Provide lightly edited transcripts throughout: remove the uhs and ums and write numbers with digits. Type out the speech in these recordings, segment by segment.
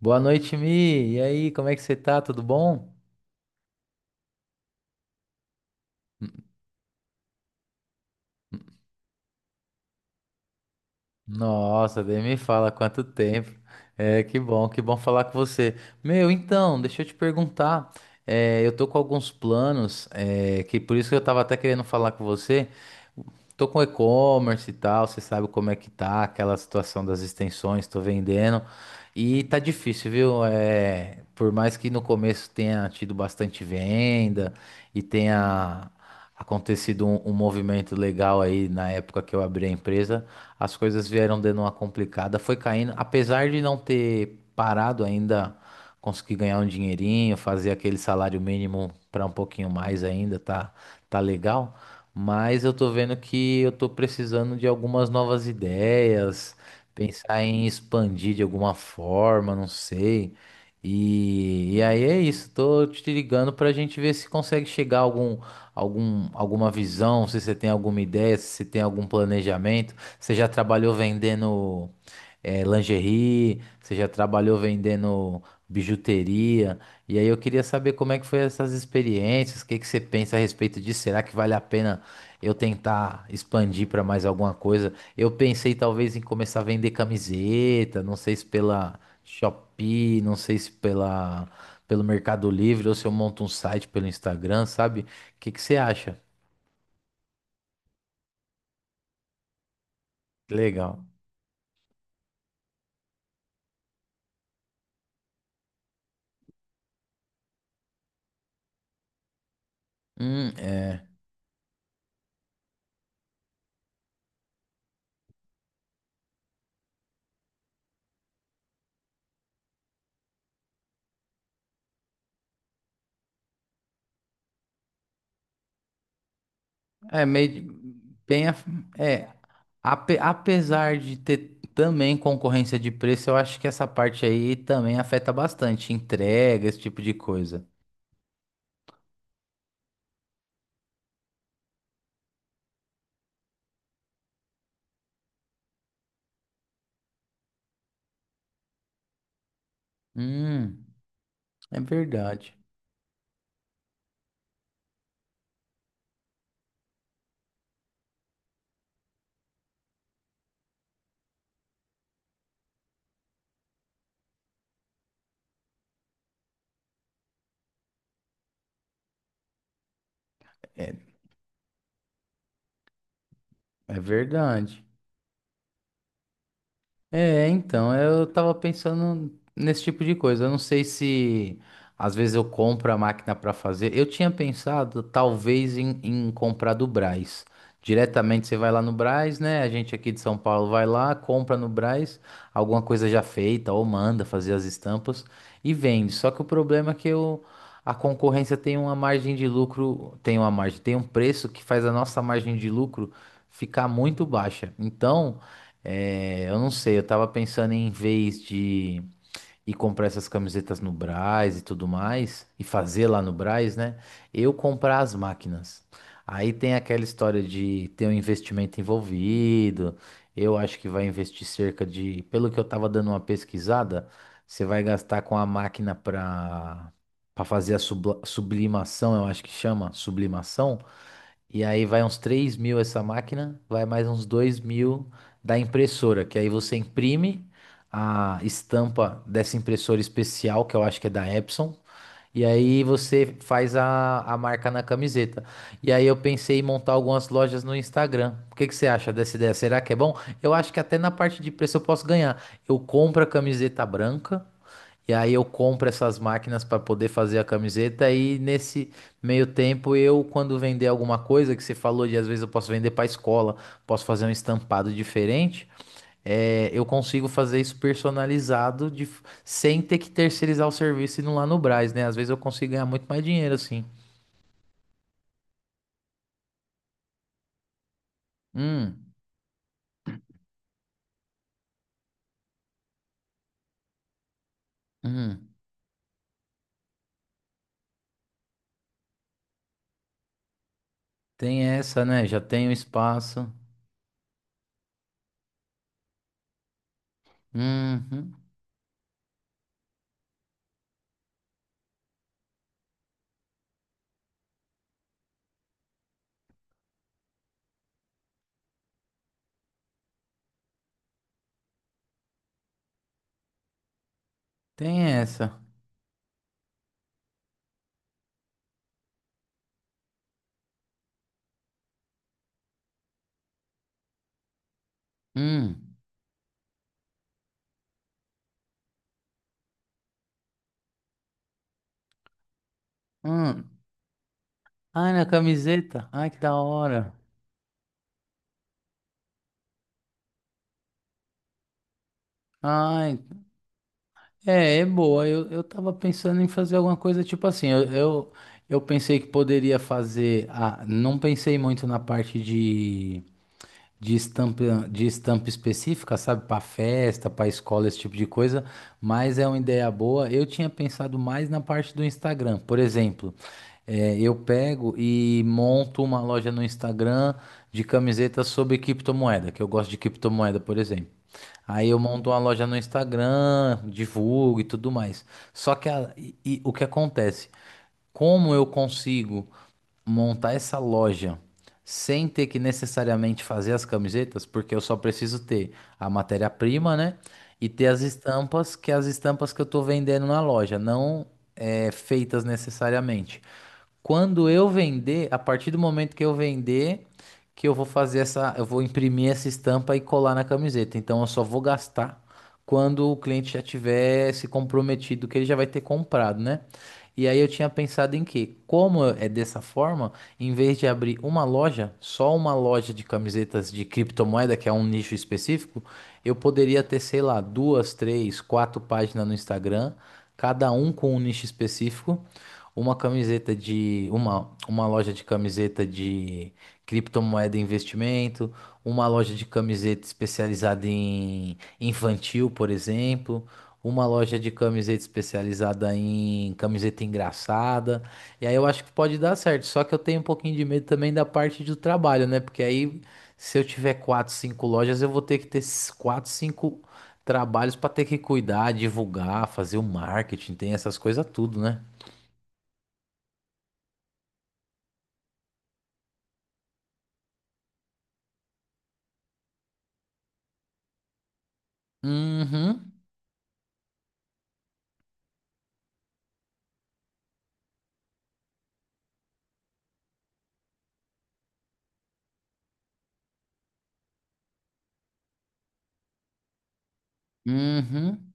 Boa noite, Mi. E aí, como é que você tá? Tudo bom? Nossa, nem me fala quanto tempo. Que bom falar com você. Meu, então, deixa eu te perguntar. Eu tô com alguns planos, é, que por isso que eu tava até querendo falar com você. Tô com e-commerce e tal, você sabe como é que tá aquela situação das extensões, tô vendendo. E tá difícil, viu? É, por mais que no começo tenha tido bastante venda e tenha acontecido um movimento legal aí na época que eu abri a empresa, as coisas vieram dando uma complicada, foi caindo, apesar de não ter parado ainda, consegui ganhar um dinheirinho, fazer aquele salário mínimo para um pouquinho mais ainda, tá, tá legal. Mas eu tô vendo que eu tô precisando de algumas novas ideias, pensar em expandir de alguma forma, não sei. E aí é isso, tô te ligando pra gente ver se consegue chegar a algum, algum, alguma visão, se você tem alguma ideia, se você tem algum planejamento. Você já trabalhou vendendo lingerie, você já trabalhou vendendo bijuteria, e aí eu queria saber como é que foi essas experiências, o que que você pensa a respeito disso? Será que vale a pena eu tentar expandir para mais alguma coisa? Eu pensei talvez em começar a vender camiseta, não sei se pela Shopee, não sei se pela, pelo Mercado Livre, ou se eu monto um site pelo Instagram, sabe? O que que você acha? Legal. É. É meio bem a- é ape- Apesar de ter também concorrência de preço, eu acho que essa parte aí também afeta bastante entrega, esse tipo de coisa. Hum, é verdade. É verdade. É, então, eu tava pensando nesse tipo de coisa. Eu não sei se às vezes eu compro a máquina para fazer. Eu tinha pensado talvez em comprar do Brás. Diretamente você vai lá no Brás, né? A gente aqui de São Paulo vai lá, compra no Brás alguma coisa já feita ou manda fazer as estampas e vende. Só que o problema é que eu, a concorrência tem uma margem de lucro, tem uma margem, tem um preço que faz a nossa margem de lucro ficar muito baixa. Então. É, eu não sei, eu tava pensando em vez de ir comprar essas camisetas no Brás e tudo mais, e fazer lá no Brás, né? Eu comprar as máquinas. Aí tem aquela história de ter um investimento envolvido. Eu acho que vai investir cerca de, pelo que eu tava dando uma pesquisada, você vai gastar com a máquina para fazer a sublimação, eu acho que chama sublimação. E aí vai uns 3 mil essa máquina, vai mais uns 2 mil da impressora, que aí você imprime a estampa dessa impressora especial, que eu acho que é da Epson, e aí você faz a marca na camiseta. E aí eu pensei em montar algumas lojas no Instagram. O que que você acha dessa ideia? Será que é bom? Eu acho que até na parte de preço eu posso ganhar. Eu compro a camiseta branca. E aí eu compro essas máquinas para poder fazer a camiseta e nesse meio tempo eu, quando vender alguma coisa que você falou de às vezes eu posso vender para escola, posso fazer um estampado diferente, é, eu consigo fazer isso personalizado sem ter que terceirizar o serviço indo lá no Brás, né? Às vezes eu consigo ganhar muito mais dinheiro assim. Hum, hum, tem essa, né? Já tem o espaço. Uhum, tem essa. Hum, hum. Ai, na camiseta. Ai, que da hora. Ai, é, é boa. Eu tava pensando em fazer alguma coisa tipo assim. Eu pensei que poderia fazer. A, não pensei muito na parte de estampa, de estampa específica, sabe? Para festa, para escola, esse tipo de coisa, mas é uma ideia boa. Eu tinha pensado mais na parte do Instagram. Por exemplo, eu pego e monto uma loja no Instagram de camisetas sobre criptomoeda, que eu gosto de criptomoeda, por exemplo. Aí eu monto uma loja no Instagram, divulgo e tudo mais. Só que e o que acontece? Como eu consigo montar essa loja sem ter que necessariamente fazer as camisetas, porque eu só preciso ter a matéria-prima, né? E ter as estampas, que é as estampas que eu estou vendendo na loja, não é, feitas necessariamente. Quando eu vender, a partir do momento que eu vender, que eu vou fazer essa, eu vou imprimir essa estampa e colar na camiseta. Então eu só vou gastar quando o cliente já tiver se comprometido que ele já vai ter comprado, né? E aí eu tinha pensado em que, como é dessa forma, em vez de abrir uma loja, só uma loja de camisetas de criptomoeda, que é um nicho específico, eu poderia ter, sei lá, duas, três, quatro páginas no Instagram, cada um com um nicho específico, uma camiseta uma loja de camiseta de criptomoeda e investimento, uma loja de camiseta especializada em infantil, por exemplo, uma loja de camiseta especializada em camiseta engraçada. E aí eu acho que pode dar certo, só que eu tenho um pouquinho de medo também da parte do trabalho, né? Porque aí se eu tiver quatro, cinco lojas, eu vou ter que ter esses quatro, cinco trabalhos para ter que cuidar, divulgar, fazer o marketing, tem essas coisas tudo, né? Uhum. Uhum.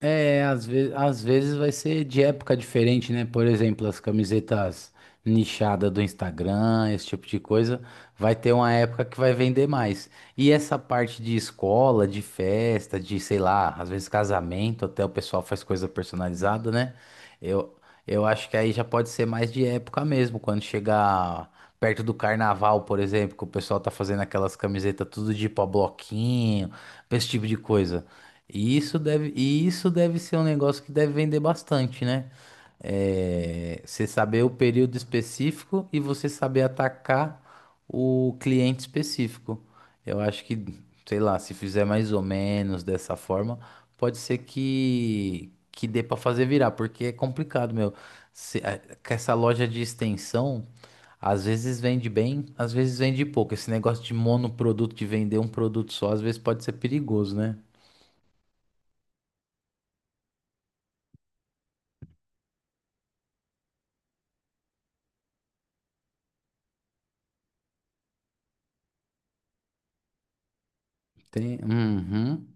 É, às vezes vai ser de época diferente, né? Por exemplo, as camisetas nichadas do Instagram, esse tipo de coisa, vai ter uma época que vai vender mais. E essa parte de escola, de festa, de, sei lá, às vezes casamento, até o pessoal faz coisa personalizada, né? Eu, eu acho que aí já pode ser mais de época mesmo, quando chegar perto do carnaval, por exemplo, que o pessoal tá fazendo aquelas camisetas tudo de pau bloquinho, esse tipo de coisa. E isso deve ser um negócio que deve vender bastante, né? É, você saber o período específico e você saber atacar o cliente específico. Eu acho que, sei lá, se fizer mais ou menos dessa forma, pode ser que dê para fazer virar, porque é complicado, meu. Se- é, com essa loja de extensão, às vezes vende bem, às vezes vende pouco. Esse negócio de monoproduto, de vender um produto só, às vezes pode ser perigoso, né? Tem. Uhum.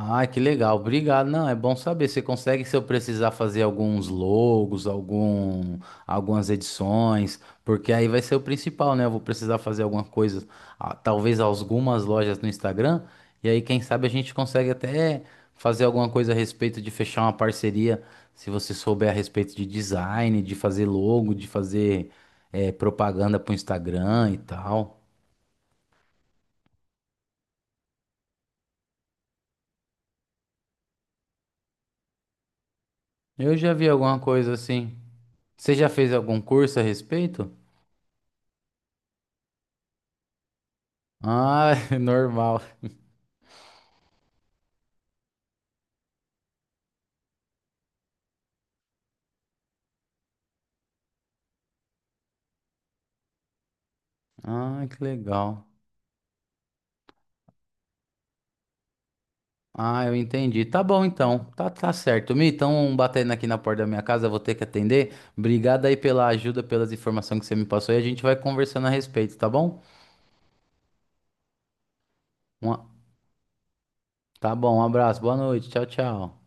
Ah, que legal. Obrigado. Não, é bom saber. Você consegue, se eu precisar, fazer alguns logos, algum, algumas edições, porque aí vai ser o principal, né? Eu vou precisar fazer alguma coisa, ah, talvez algumas lojas no Instagram, e aí, quem sabe, a gente consegue até fazer alguma coisa a respeito de fechar uma parceria, se você souber a respeito de design, de fazer logo, de fazer, propaganda para o Instagram e tal. Eu já vi alguma coisa assim. Você já fez algum curso a respeito? Ah, normal. Ah, que legal. Ah, eu entendi. Tá bom então. Tá, tá certo. Mi, estão batendo aqui na porta da minha casa, eu vou ter que atender. Obrigado aí pela ajuda, pelas informações que você me passou e a gente vai conversando a respeito, tá bom? Um tá bom, um abraço, boa noite, tchau, tchau.